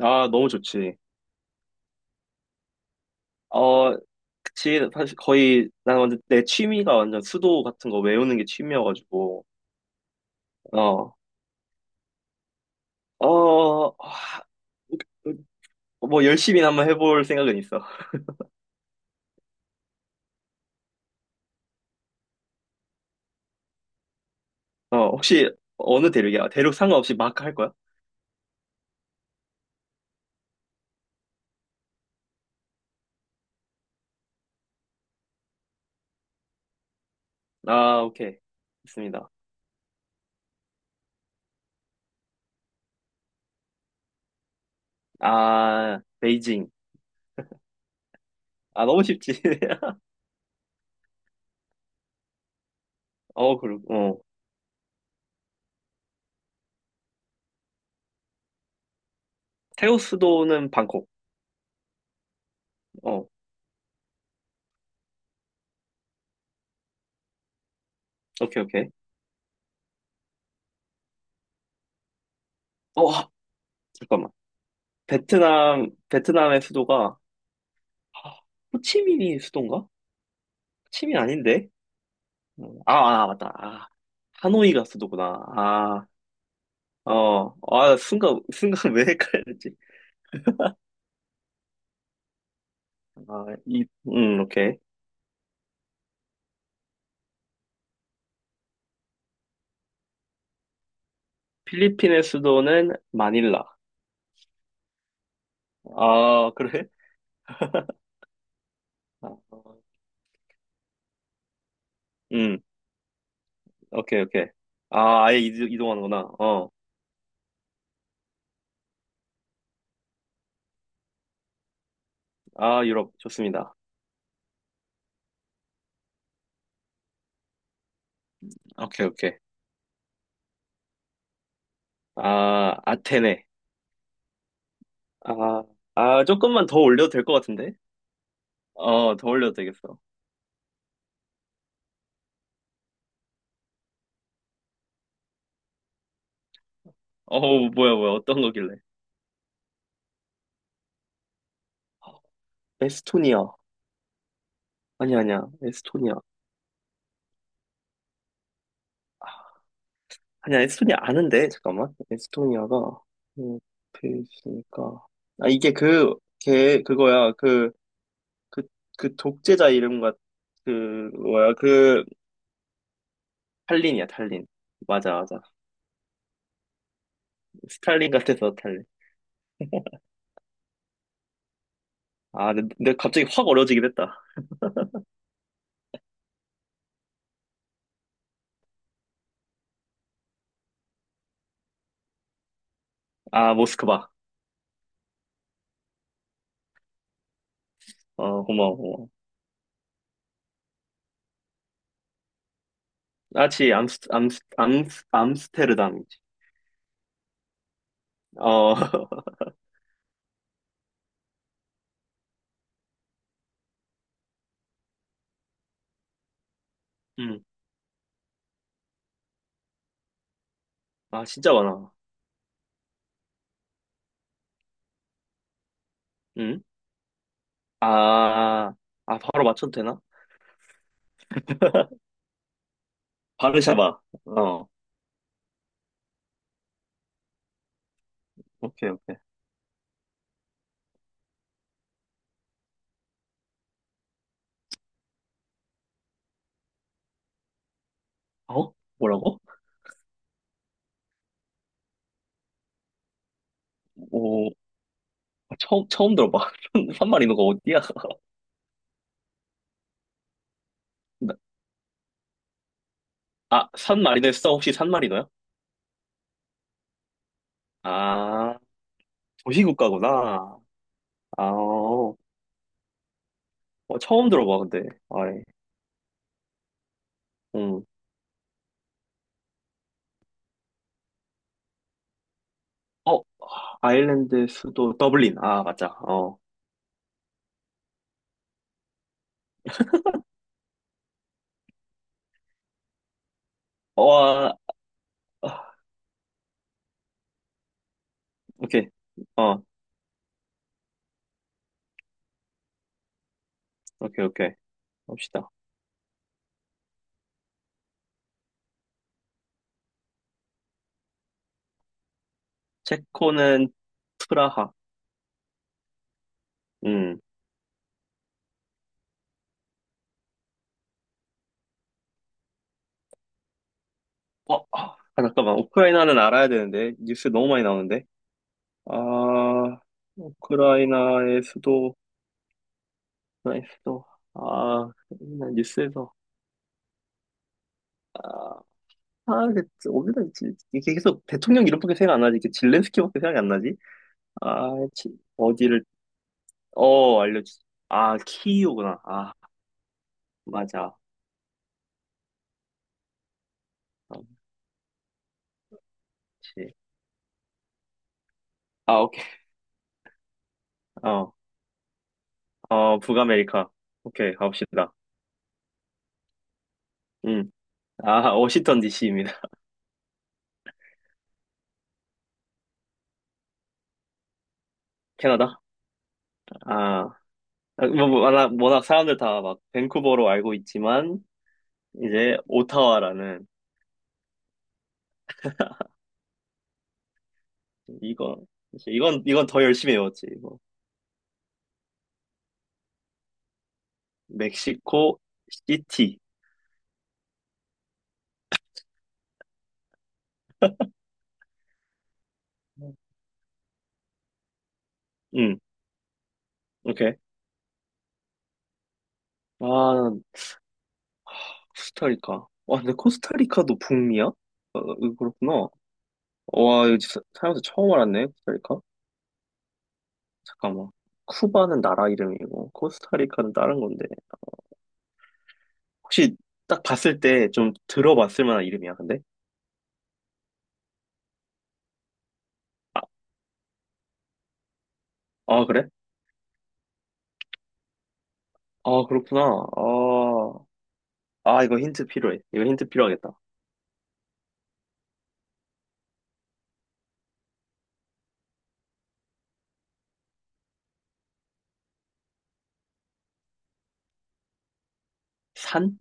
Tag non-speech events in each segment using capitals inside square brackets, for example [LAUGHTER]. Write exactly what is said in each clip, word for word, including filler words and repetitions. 아, 너무 좋지. 어, 그치. 사실 거의, 난 완전 내 취미가 완전 수도 같은 거 외우는 게 취미여가지고, 어, 어, 아, 뭐 열심히 한번 해볼 생각은 있어. 어, 혹시 어느 대륙이야? 대륙 상관없이 막 할 거야? 아, 오케이. 좋습니다. 아, 베이징. 아, 너무 쉽지. [LAUGHS] 어, 그리고, 어. 태우 수도는 방콕. 어, 오케이, 오케이. 어, 잠깐만. 베트남, 베트남의 수도가, 아, 호치민이 수도인가? 침이 아닌데? 어, 아, 아, 맞다. 아, 하노이가 수도구나. 아, 어, 아, 순간, 순간 [LAUGHS] 왜 헷갈렸지? 아, 이, 음, 오케이. 필리핀의 수도는 마닐라. 아, 그래? 아, 어, 음, 오케이, 오케이. 아, 아예 이동, 이동하는구나. 어, 아, 유럽, 좋습니다. 오케이, 오케이. 아, 아테네. 아, 아, 조금만 더 올려도 될 것 같은데? 어, 더 올려도 되겠어. 어, 뭐야, 뭐야, 어떤 거길래? 에스토니아. 아니, 아니야. 에스토니아. 아니야, 에스토니아 아는데, 잠깐만. 에스토니아가, 옆에 있으니까. 아, 이게 그, 걔, 그거야. 그, 그, 그 독재자 이름 같, 그, 뭐야. 그, 탈린이야, 탈린. 맞아, 맞아. 스탈린 같아서 탈린. 아, 근데, 근데 갑자기 확 어려워지긴 했다. 아, 모스크바. 어, 고마워, 고마워. 아, 지, 암스, 암스, 암스, 암스테르담이지. 어, [LAUGHS] 음. 아, 진짜 많아. 음? 아, 아, 바로 맞춰도 되나? [LAUGHS] 바르샤바. 어. 오케이, 오케이. 어? 뭐라고? 오, 처음, 처음 들어봐. [LAUGHS] 산마리노가 어디야? [LAUGHS] 나- 아, 산마리노였어? 혹시 산마리노야? 아, 도시국가구나. 아, 어, 처음 들어봐, 근데. 아이, 음. 어, 아일랜드 수도 더블린. 아, 맞아. 어. 어, 아, 아, 오케이. 어, 오케이, 오케이. 봅시다. 체코는 프라하. 음. 어, 아, 잠깐만. 우크라이나는 알아야 되는데. 뉴스 너무 많이 나오는데. 아, 우크라이나의 수도, 우크라이나 수도, 아, 맨날 뉴스에서, 아, 아, 그, 어디다 있지? 이게 계속 대통령 이름밖에 생각 안 나지? 이게 질렌스키밖에 생각이 안 나지? 아, 지, 어디를, 어, 알려주세요. 아, 키이우구나. 아, 맞아. 아, 그치. 아, 오케이. 어, 어, 북아메리카. 오케이, 가봅시다. 음. 아, 워싱턴 디씨입니다. 캐나다? 아, 아, 뭐, 뭐, 워낙 워낙 사람들 다 막 밴쿠버로 알고 있지만, 이제 오타와라는 이거. 이제 이건 이건 더 열심히 외웠지, 이거. 멕시코 시티. 응. 오케이. 아, 코스타리카. 와, 근데 코스타리카도 북미야? 어, 어, 그렇구나. 어, 와, 이거 진짜 살면서 처음 알았네, 코스타리카. 잠깐만, 쿠바는 나라 이름이고 코스타리카는 다른 건데. 혹시 딱 봤을 때 좀 들어봤을 만한 이름이야, 근데? 아, 아, 그래? 아, 그렇구나. 아, 아 이거 힌트 필요해. 이거 힌트 필요하겠다. 산?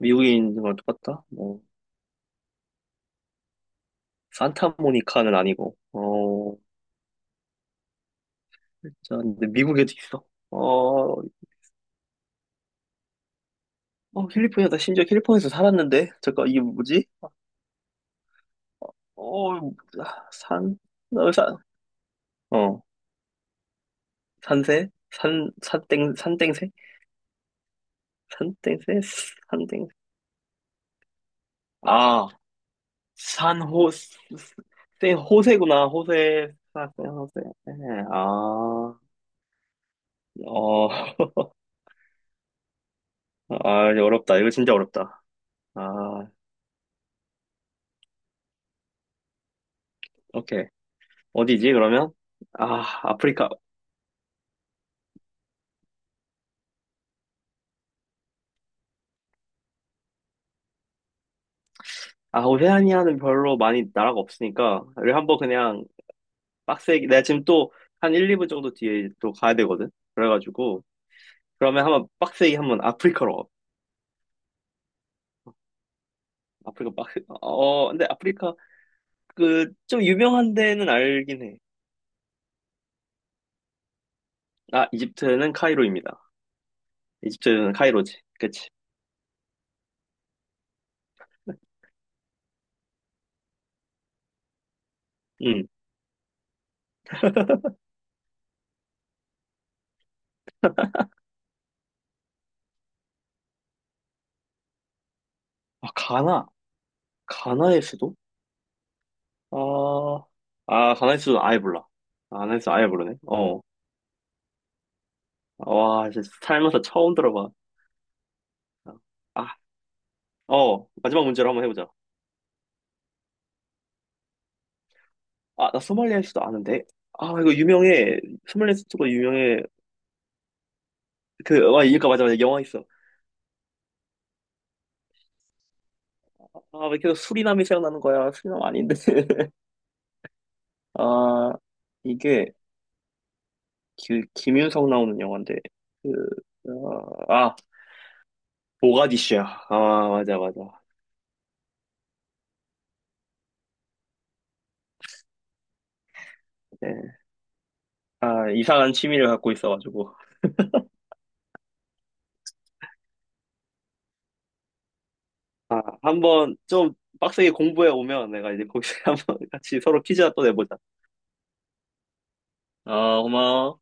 미국인과 똑같다? 뭐, 산타모니카는 아니고, 어, 진짜, 근데 미국에도 있어. 어, 어, 캘리포니아다. 심지어 캘리포니아에서 살았는데? 잠깐, 이게 뭐지? 어, 아, 산, 어, 산, 어, 산세? 산, 산땡, 산땡세? 산땡세? 산땡. 아, 산호, 땡, 호세구나. 호세, 산 호세. 네, 아, 어, 아, 어렵다. 이거 진짜 어렵다. 아, 오케이. 어디지, 그러면? 아, 아프리카. 아, 오세아니아는 별로 많이 나라가 없으니까. 우리 한번 그냥 빡세게. 내가 지금 또 한 한, 이 분 정도 뒤에 또 가야 되거든? 그래가지고. 그러면 한번 빡세게 한번 아프리카로. 가. 아프리카 빡세. 어, 어, 근데 아프리카 그 좀 유명한 데는 알긴 해. 아, 이집트는 카이로입니다. 이집트는 카이로지. 그치? 응. 아, 가나. 가나의 수도? 아, 아, 가나의 수도 아예 몰라. 가나의 수도 아예 모르네. 어. 와, 진짜 살면서 처음 들어봐. 아, 어, 마지막 문제로 한번 해보자. 아, 나 소말리아 수도 아는데. 아, 이거 유명해. 소말리아 수도가 유명해. 그, 아, 이거 맞아, 맞아. 영화 있어. 아, 왜 계속 수리남이 생각나는 거야? 수리남 아닌데. [LAUGHS] 아, 이게 기, 김윤석 나오는 영화인데. 그, 어, 아, 모가디슈야. 아, 맞아, 맞아. 네. 아, 이상한 취미를 갖고 있어가지고. 아, 한번 좀 빡세게 공부해 오면 내가 이제 거기서 [LAUGHS] 한번 같이 서로 퀴즈 또 내보자. 아, 고마워.